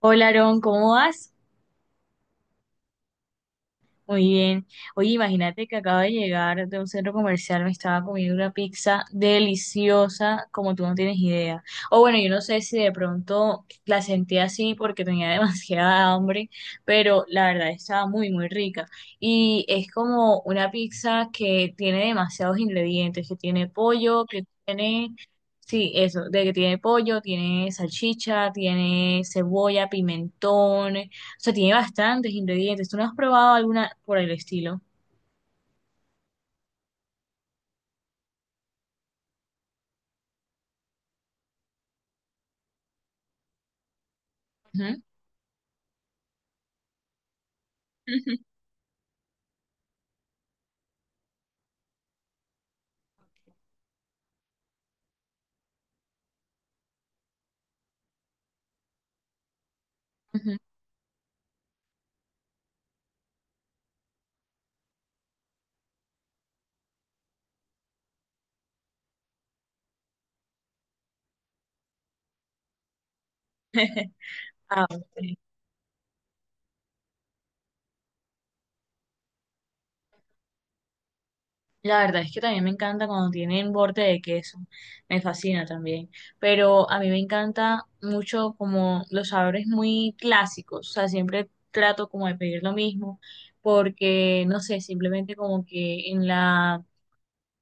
Hola, Aarón, ¿cómo vas? Muy bien. Oye, imagínate que acabo de llegar de un centro comercial, me estaba comiendo una pizza deliciosa, como tú no tienes idea. O bueno, yo no sé si de pronto la sentí así porque tenía demasiada hambre, pero la verdad estaba muy, muy rica. Y es como una pizza que tiene demasiados ingredientes, que tiene pollo, que tiene... Sí, eso, de que tiene pollo, tiene salchicha, tiene cebolla, pimentón. O sea, tiene bastantes ingredientes. ¿Tú no has probado alguna por el estilo? Ujú, ujú. Ujú. Ah, ok. La verdad es que también me encanta cuando tienen borde de queso. Me fascina también. Pero a mí me encanta mucho como los sabores muy clásicos. O sea, siempre trato como de pedir lo mismo porque, no sé, simplemente como que en la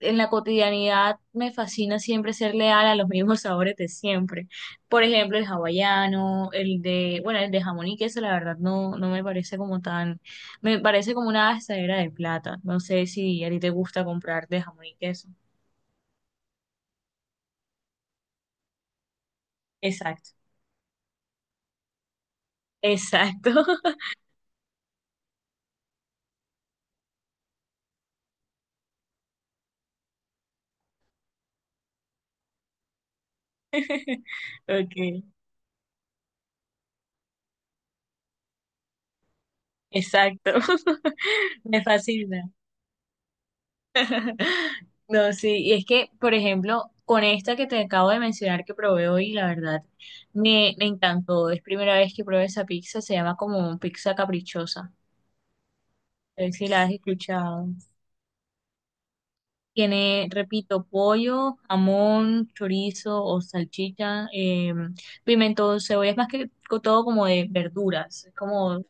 en la cotidianidad me fascina siempre ser leal a los mismos sabores de siempre. Por ejemplo, el hawaiano, el de, bueno, el de jamón y queso, la verdad no, no me parece como tan, me parece como una gastadera de plata. No sé si a ti te gusta comprar de jamón y queso. Exacto, exacto. Ok, exacto. Me fascina. No, sí, y es que, por ejemplo, con esta que te acabo de mencionar que probé hoy, la verdad, me encantó. Es primera vez que probé esa pizza, se llama como pizza caprichosa. A ver si la has escuchado. Tiene, repito, pollo, jamón, chorizo o salchicha, pimentón, cebolla, es más que todo como de verduras, es como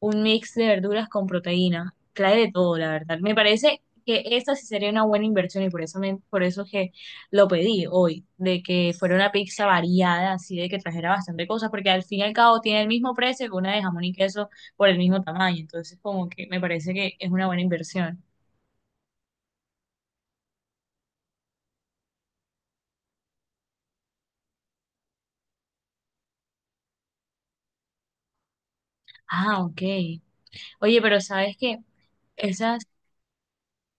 un mix de verduras con proteína. Trae de todo, la verdad. Me parece que esta sí sería una buena inversión y por eso, por eso que lo pedí hoy, de que fuera una pizza variada, así de que trajera bastante cosas, porque al fin y al cabo tiene el mismo precio que una de jamón y queso por el mismo tamaño, entonces como que me parece que es una buena inversión. Ah, ok. Oye, pero sabes que esas,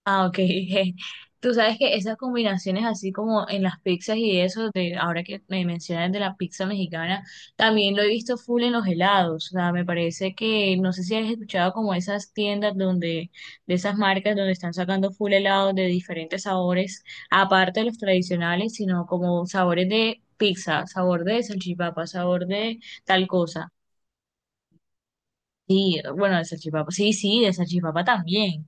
ah, ok, je. Tú sabes que esas combinaciones así como en las pizzas y eso, de ahora que me mencionas de la pizza mexicana, también lo he visto full en los helados, o sea, me parece que, no sé si has escuchado como esas tiendas donde, de esas marcas donde están sacando full helados de diferentes sabores, aparte de los tradicionales, sino como sabores de pizza, sabor de salchipapa, sabor de tal cosa. Sí, bueno, de salchipapa, sí, sí, de salchipapa también.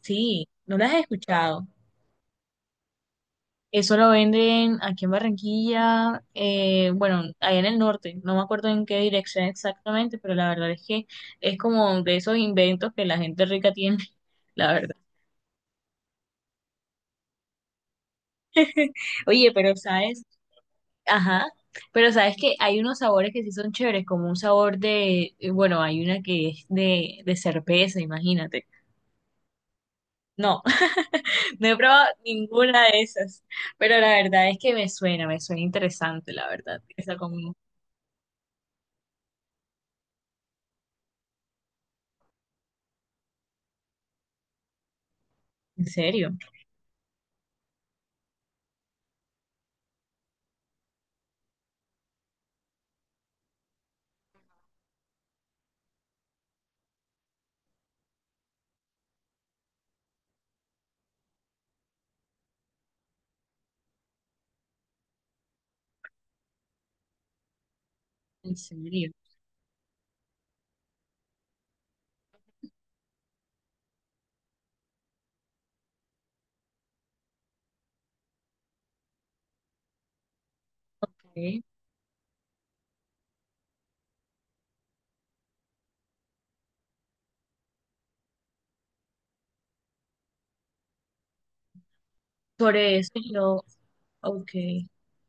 Sí, no las he escuchado. Eso lo venden aquí en Barranquilla, bueno, allá en el norte, no me acuerdo en qué dirección exactamente, pero la verdad es que es como de esos inventos que la gente rica tiene, la verdad. Oye, pero sabes, ajá, pero sabes que hay unos sabores que sí son chéveres, como un sabor de, bueno, hay una que es de cerveza, imagínate. No, no he probado ninguna de esas, pero la verdad es que me suena interesante, la verdad, esa comida. ¿En serio? En serio, ok. Sobre eso yo, ok.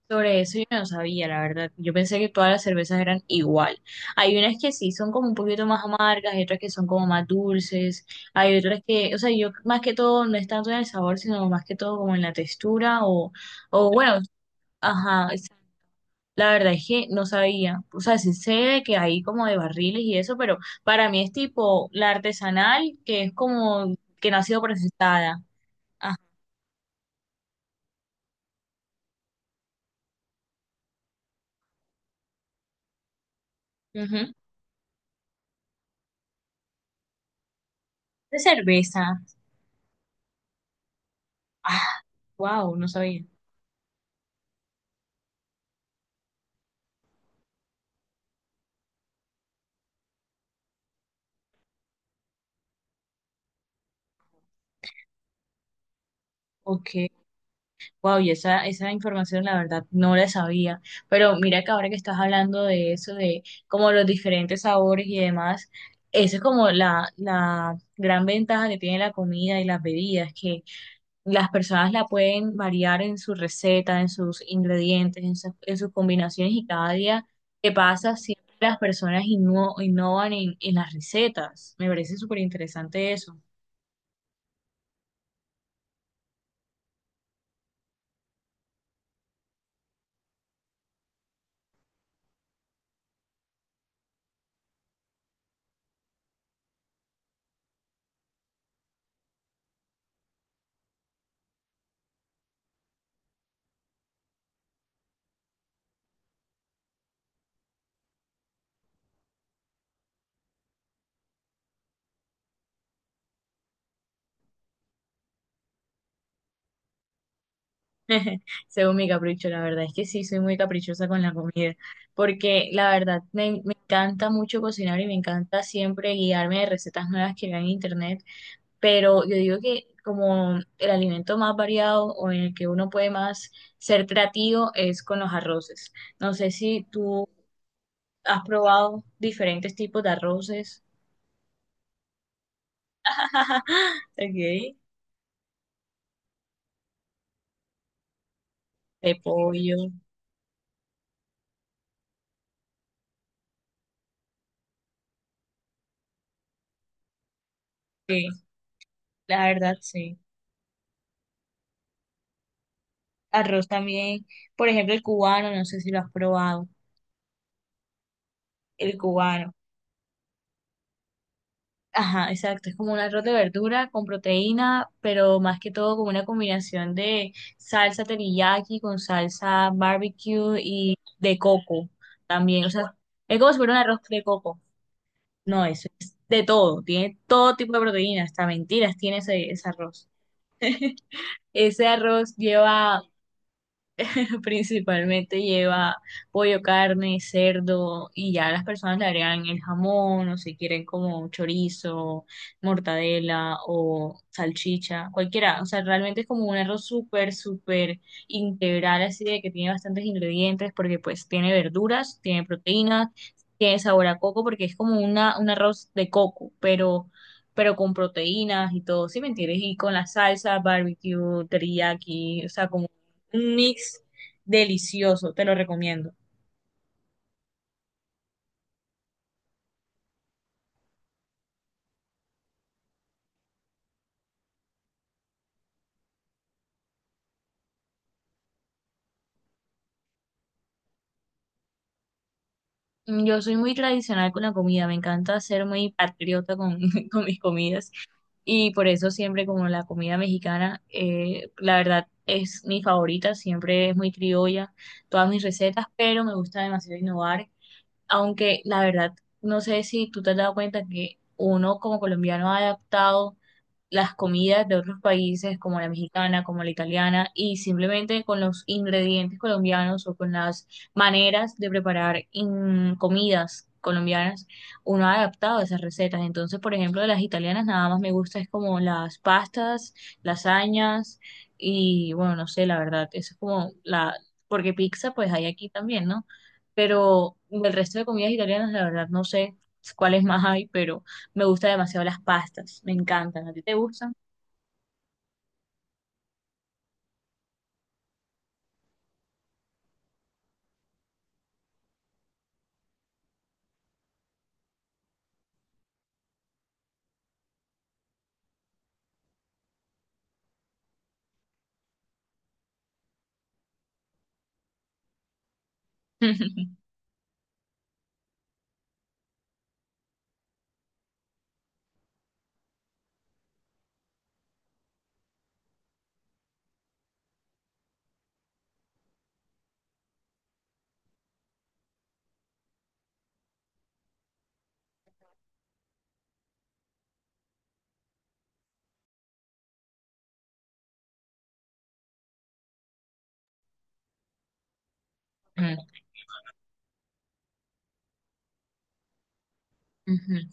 Sobre eso yo no sabía, la verdad. Yo pensé que todas las cervezas eran igual. Hay unas que sí son como un poquito más amargas, hay otras que son como más dulces, hay otras que, o sea, yo más que todo no es tanto en el sabor, sino más que todo como en la textura o bueno, ajá, la verdad es que no sabía. O sea, sí sé de que hay como de barriles y eso, pero para mí es tipo la artesanal, que es como que no ha sido procesada. Ajá. De cerveza. Ah, wow, no sabía. Ok. Wow, y esa información la verdad no la sabía. Pero mira que ahora que estás hablando de eso, de como los diferentes sabores y demás, esa es como la gran ventaja que tiene la comida y las bebidas, que las personas la pueden variar en su receta, en sus ingredientes, en sus combinaciones y cada día que pasa siempre las personas innovan en las recetas. Me parece súper interesante eso. Según mi capricho, la verdad es que sí, soy muy caprichosa con la comida, porque la verdad me encanta mucho cocinar y me encanta siempre guiarme de recetas nuevas que vean en internet, pero yo digo que como el alimento más variado o en el que uno puede más ser creativo es con los arroces. No sé si tú has probado diferentes tipos de arroces. Okay. De pollo, sí, la verdad sí. Arroz también, por ejemplo, el cubano, no sé si lo has probado. El cubano. Ajá, exacto. Es como un arroz de verdura con proteína, pero más que todo con una combinación de salsa teriyaki con salsa barbecue y de coco también. O sea, es como si fuera un arroz de coco. No, eso es de todo. Tiene todo tipo de proteínas, hasta mentiras tiene ese, ese arroz. Ese arroz lleva principalmente lleva pollo, carne, cerdo y ya las personas le agregan el jamón o si quieren como chorizo, mortadela o salchicha, cualquiera. O sea, realmente es como un arroz súper, súper integral, así de que tiene bastantes ingredientes porque pues tiene verduras, tiene proteínas, tiene sabor a coco porque es como una, un arroz de coco, pero con proteínas y todo, ¿sí me entiendes? Y con la salsa, barbecue, teriyaki, o sea, como un mix delicioso, te lo recomiendo. Mm, yo soy muy tradicional con la comida, me encanta ser muy patriota con, con mis comidas y por eso siempre como la comida mexicana, la verdad es mi favorita, siempre es muy criolla, todas mis recetas, pero me gusta demasiado innovar, aunque la verdad no sé si tú te has dado cuenta que uno como colombiano ha adaptado las comidas de otros países como la mexicana, como la italiana, y simplemente con los ingredientes colombianos o con las maneras de preparar comidas colombianas, uno ha adaptado esas recetas. Entonces, por ejemplo, de las italianas nada más me gusta es como las pastas, lasañas y bueno, no sé, la verdad, eso es como la, porque pizza pues hay aquí también, ¿no? Pero del resto de comidas italianas, la verdad, no sé cuáles más hay, pero... Me gustan demasiado las pastas, me encantan. ¿A ti te gustan? Ujú.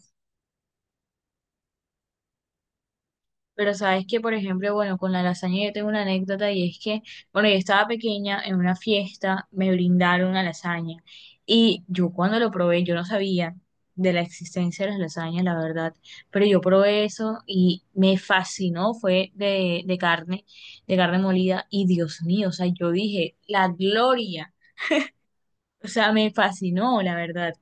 Pero sabes que, por ejemplo, bueno, con la lasaña yo tengo una anécdota y es que, bueno, yo estaba pequeña en una fiesta, me brindaron una lasaña y yo cuando lo probé, yo no sabía de la existencia de las lasañas, la verdad, pero yo probé eso y me fascinó, fue de carne molida y Dios mío, o sea, yo dije, la gloria, o sea, me fascinó, la verdad.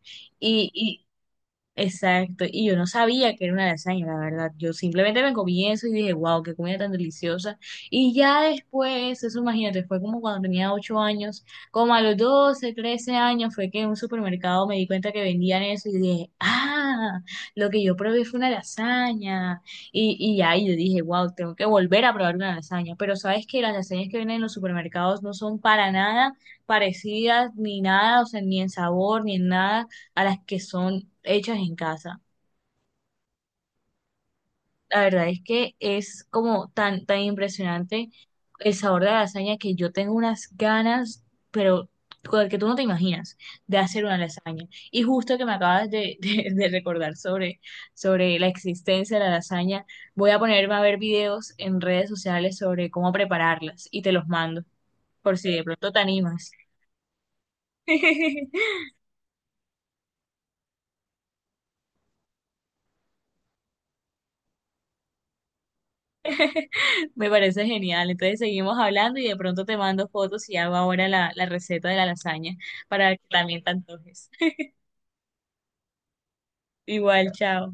Exacto, y yo no sabía que era una lasaña, la verdad. Yo simplemente me comí eso y dije, wow, qué comida tan deliciosa. Y ya después, eso imagínate, fue como cuando tenía 8 años, como a los 12, 13 años, fue que en un supermercado me di cuenta que vendían eso y dije, ah, lo que yo probé fue una lasaña. Y ya, y yo dije, wow, tengo que volver a probar una lasaña. Pero sabes que las lasañas que vienen en los supermercados no son para nada parecidas ni nada, o sea, ni en sabor, ni en nada a las que son hechas en casa. La verdad es que es como tan, tan impresionante el sabor de la lasaña que yo tengo unas ganas, pero con el que tú no te imaginas, de hacer una lasaña. Y justo que me acabas de, de recordar sobre, sobre la existencia de la lasaña, voy a ponerme a ver videos en redes sociales sobre cómo prepararlas y te los mando, por si de pronto te animas. Me parece genial. Entonces seguimos hablando y de pronto te mando fotos y hago ahora la, la receta de la lasaña para que también te antojes. Igual, chao.